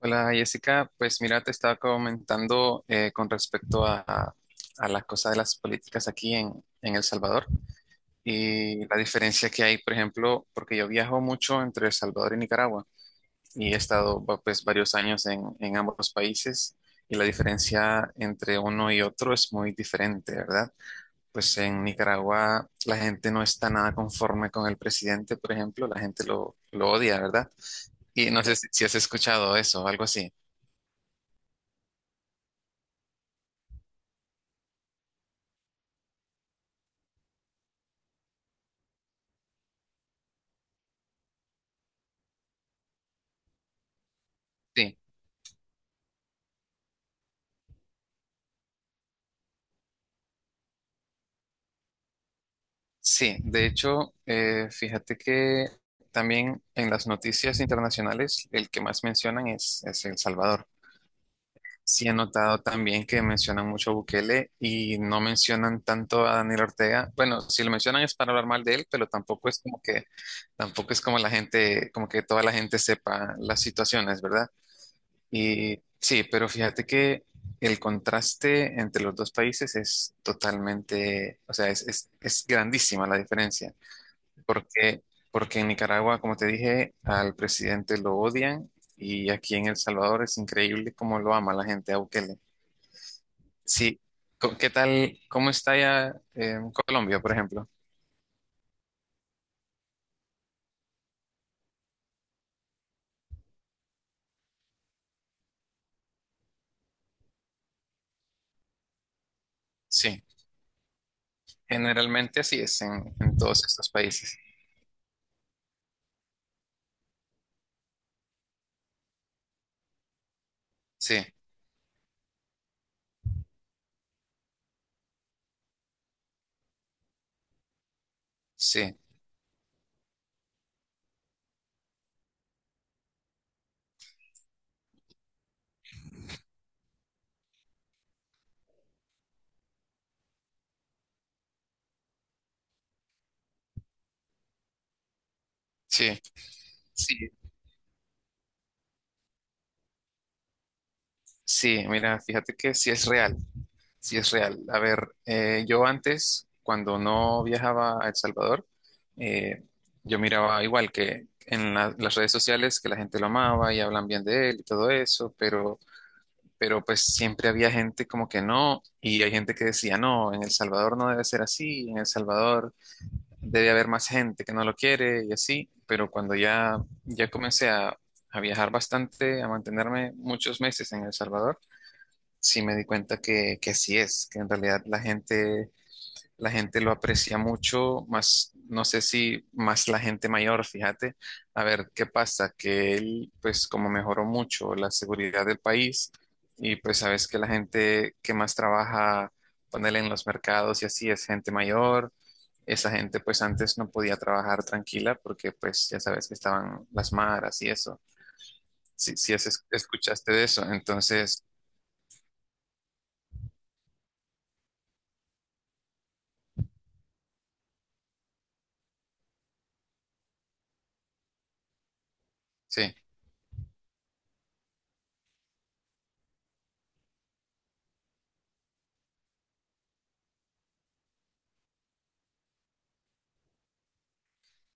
Hola Jessica, pues mira, te estaba comentando con respecto a las cosas de las políticas aquí en El Salvador y la diferencia que hay, por ejemplo, porque yo viajo mucho entre El Salvador y Nicaragua y he estado pues varios años en ambos países y la diferencia entre uno y otro es muy diferente, ¿verdad? Pues en Nicaragua la gente no está nada conforme con el presidente, por ejemplo, la gente lo odia, ¿verdad? Y no sé si has escuchado eso, algo así. Sí. Sí, de hecho, fíjate que también en las noticias internacionales el que más mencionan es El Salvador. Sí, he notado también que mencionan mucho a Bukele y no mencionan tanto a Daniel Ortega. Bueno, si lo mencionan es para hablar mal de él, pero tampoco es como que, tampoco es como la gente, como que toda la gente sepa las situaciones, ¿verdad? Y sí, pero fíjate que el contraste entre los dos países es totalmente, o sea, es grandísima la diferencia. Porque, porque en Nicaragua, como te dije, al presidente lo odian y aquí en El Salvador es increíble cómo lo ama la gente a Bukele. Sí, ¿qué tal? ¿Cómo está ya en Colombia, por ejemplo? Sí, generalmente así es en todos estos países. Sí, sí, sí, sí, sí, mira, fíjate que sí es real. Sí, es real. A ver, yo antes, cuando no viajaba a El Salvador, eh, yo miraba igual que en las redes sociales que la gente lo amaba y hablan bien de él y todo eso, pero pues siempre había gente como que no, y hay gente que decía, no, en El Salvador no debe ser así, en El Salvador debe haber más gente que no lo quiere y así, pero cuando ya, ya comencé a viajar bastante, a mantenerme muchos meses en El Salvador, sí me di cuenta que así es, que en realidad la gente lo aprecia mucho, más, no sé si más la gente mayor, fíjate, a ver qué pasa, que él, pues como mejoró mucho la seguridad del país y pues sabes que la gente que más trabaja, ponerle en los mercados y así es gente mayor. Esa gente pues antes no podía trabajar tranquila porque pues ya sabes que estaban las maras y eso. Si, escuchaste de eso, entonces sí.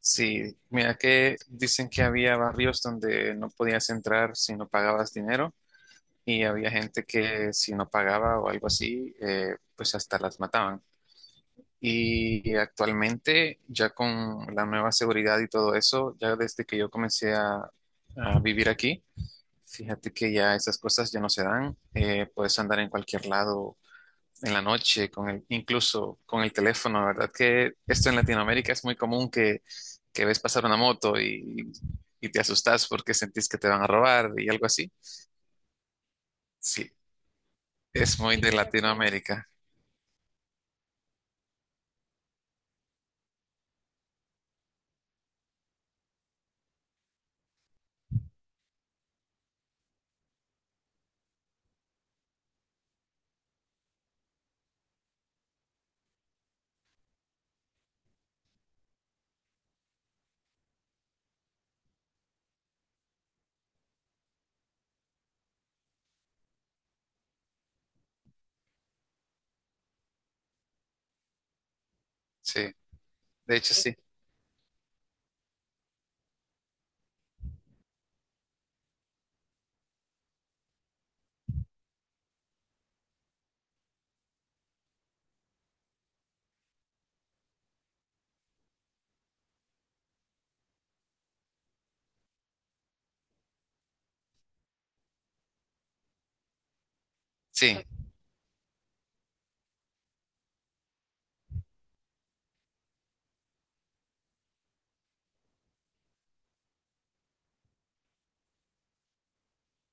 Sí, mira que dicen que había barrios donde no podías entrar si no pagabas dinero y había gente que si no pagaba o algo así, pues hasta las mataban. Y actualmente ya con la nueva seguridad y todo eso, ya desde que yo comencé a vivir aquí, fíjate que ya esas cosas ya no se dan, puedes andar en cualquier lado en la noche, con el, incluso con el teléfono, ¿verdad? Que esto en Latinoamérica es muy común que ves pasar una moto y te asustas porque sentís que te van a robar y algo así. Sí, es muy de Latinoamérica. Sí, de hecho sí. Sí,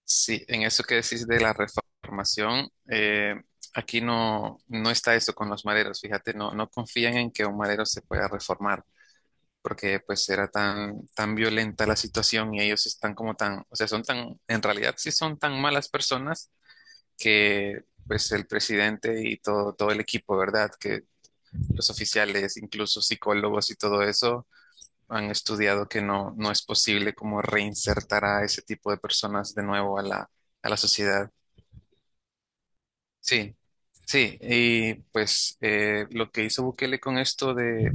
sí, en eso que decís de la reformación, aquí no, no está eso con los maderos. Fíjate, no, no confían en que un madero se pueda reformar. Porque pues era tan, tan violenta la situación y ellos están como tan, o sea, son tan, en realidad sí son tan malas personas que pues el presidente y todo, todo el equipo, ¿verdad? Que los oficiales, incluso psicólogos y todo eso, han estudiado que no, no es posible como reinsertar a ese tipo de personas de nuevo a la sociedad. Sí. Sí, y pues lo que hizo Bukele con esto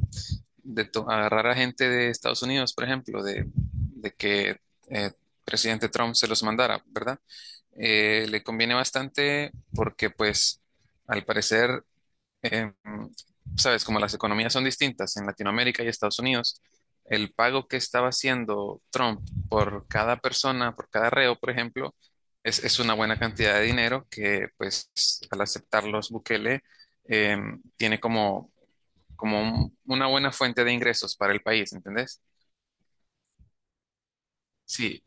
de agarrar a gente de Estados Unidos, por ejemplo, de que eh, presidente Trump se los mandara, ¿verdad? Le conviene bastante porque pues al parecer em, sabes, como las economías son distintas en Latinoamérica y Estados Unidos, el pago que estaba haciendo Trump por cada persona, por cada reo, por ejemplo, es una buena cantidad de dinero que, pues, al aceptarlos Bukele, tiene como, como una buena fuente de ingresos para el país, ¿entendés? Sí,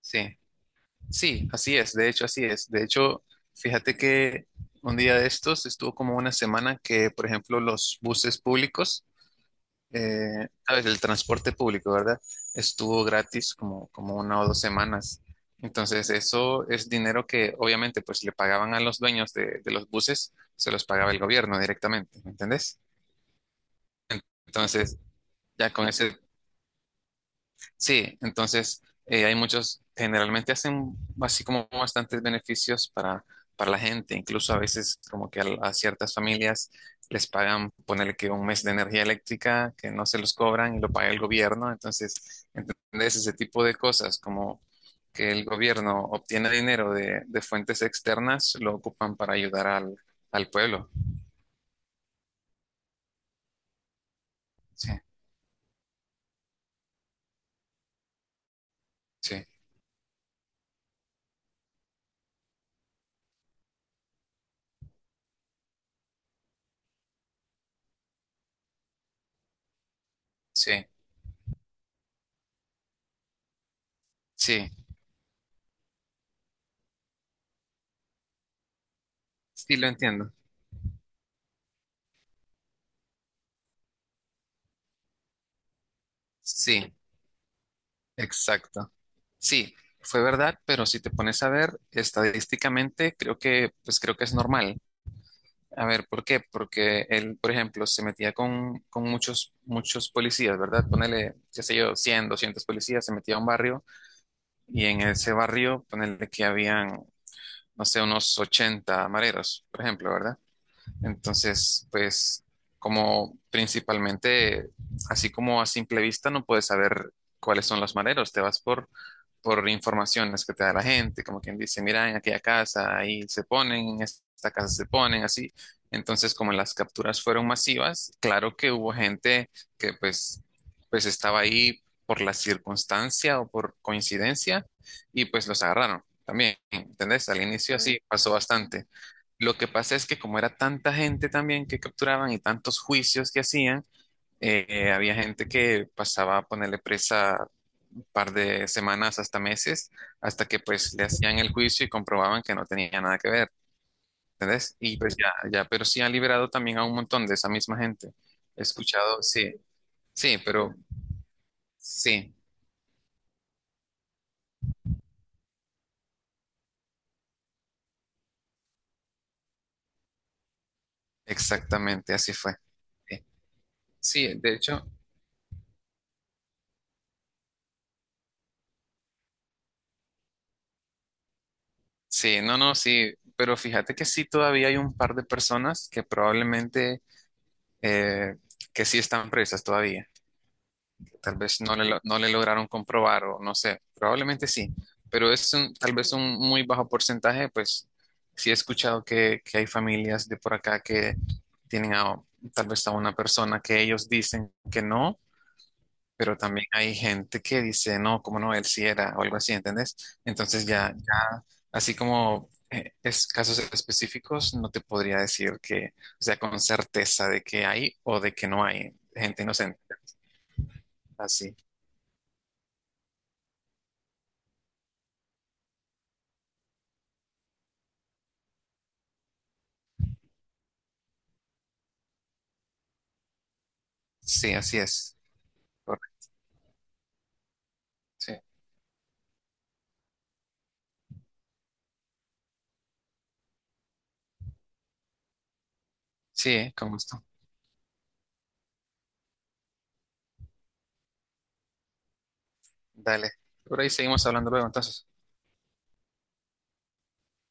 sí, sí, así es, de hecho, así es. De hecho, fíjate que un día de estos estuvo como una semana que, por ejemplo, los buses públicos, ¿sabes? El transporte público, ¿verdad? Estuvo gratis como, como una o dos semanas. Entonces, eso es dinero que obviamente pues le pagaban a los dueños de los buses, se los pagaba el gobierno directamente, ¿me entendés? Entonces, ya con ese sí, entonces hay muchos, generalmente hacen así como bastantes beneficios para la gente, incluso a veces como que a, ciertas familias les pagan, ponerle que un mes de energía eléctrica que no se los cobran y lo paga el gobierno, entonces, ¿entendés? Ese tipo de cosas como que el gobierno obtiene dinero de fuentes externas, lo ocupan para ayudar al, al pueblo. Sí, sí, sí, sí, sí, lo entiendo. Sí, exacto. Sí, fue verdad, pero si te pones a ver estadísticamente, creo que, pues creo que es normal. A ver, ¿por qué? Porque él, por ejemplo, se metía con muchos, muchos policías, ¿verdad? Ponele, qué sé yo, 100, 200 policías, se metía a un barrio y en ese barrio, ponele que habían, no sé, unos 80 mareros, por ejemplo, ¿verdad? Entonces, pues, como principalmente, así como a simple vista no puedes saber cuáles son los maderos, te vas por informaciones que te da la gente, como quien dice, mira, en aquella casa ahí se ponen, en esta casa se ponen, así. Entonces, como las capturas fueron masivas, claro que hubo gente que pues, pues estaba ahí por la circunstancia o por coincidencia y pues los agarraron también, ¿entendés? Al inicio mm así pasó bastante. Lo que pasa es que como era tanta gente también que capturaban y tantos juicios que hacían, había gente que pasaba a ponerle presa un par de semanas hasta meses, hasta que pues le hacían el juicio y comprobaban que no tenía nada que ver, ¿entendés? Y pues ya, ya, pero sí han liberado también a un montón de esa misma gente. He escuchado, sí, sí, pero sí, exactamente, así fue. Sí, sí, de hecho, sí, no, no, sí, pero fíjate que sí todavía hay un par de personas que probablemente eh, que sí están previstas todavía. Tal vez no no le lograron comprobar o no sé, probablemente sí, pero es tal vez un muy bajo porcentaje, pues sí he escuchado que hay familias de por acá que tienen a, tal vez a una persona que ellos dicen que no, pero también hay gente que dice, no, cómo no, él sí era, o algo así, ¿entendés? Entonces ya, ya, así como es casos específicos, no te podría decir que, o sea, con certeza de que hay o de que no hay gente inocente. Así, sí, así es. Correcto. Sí, sí, con gusto. Dale. Por ahí seguimos hablando luego, entonces.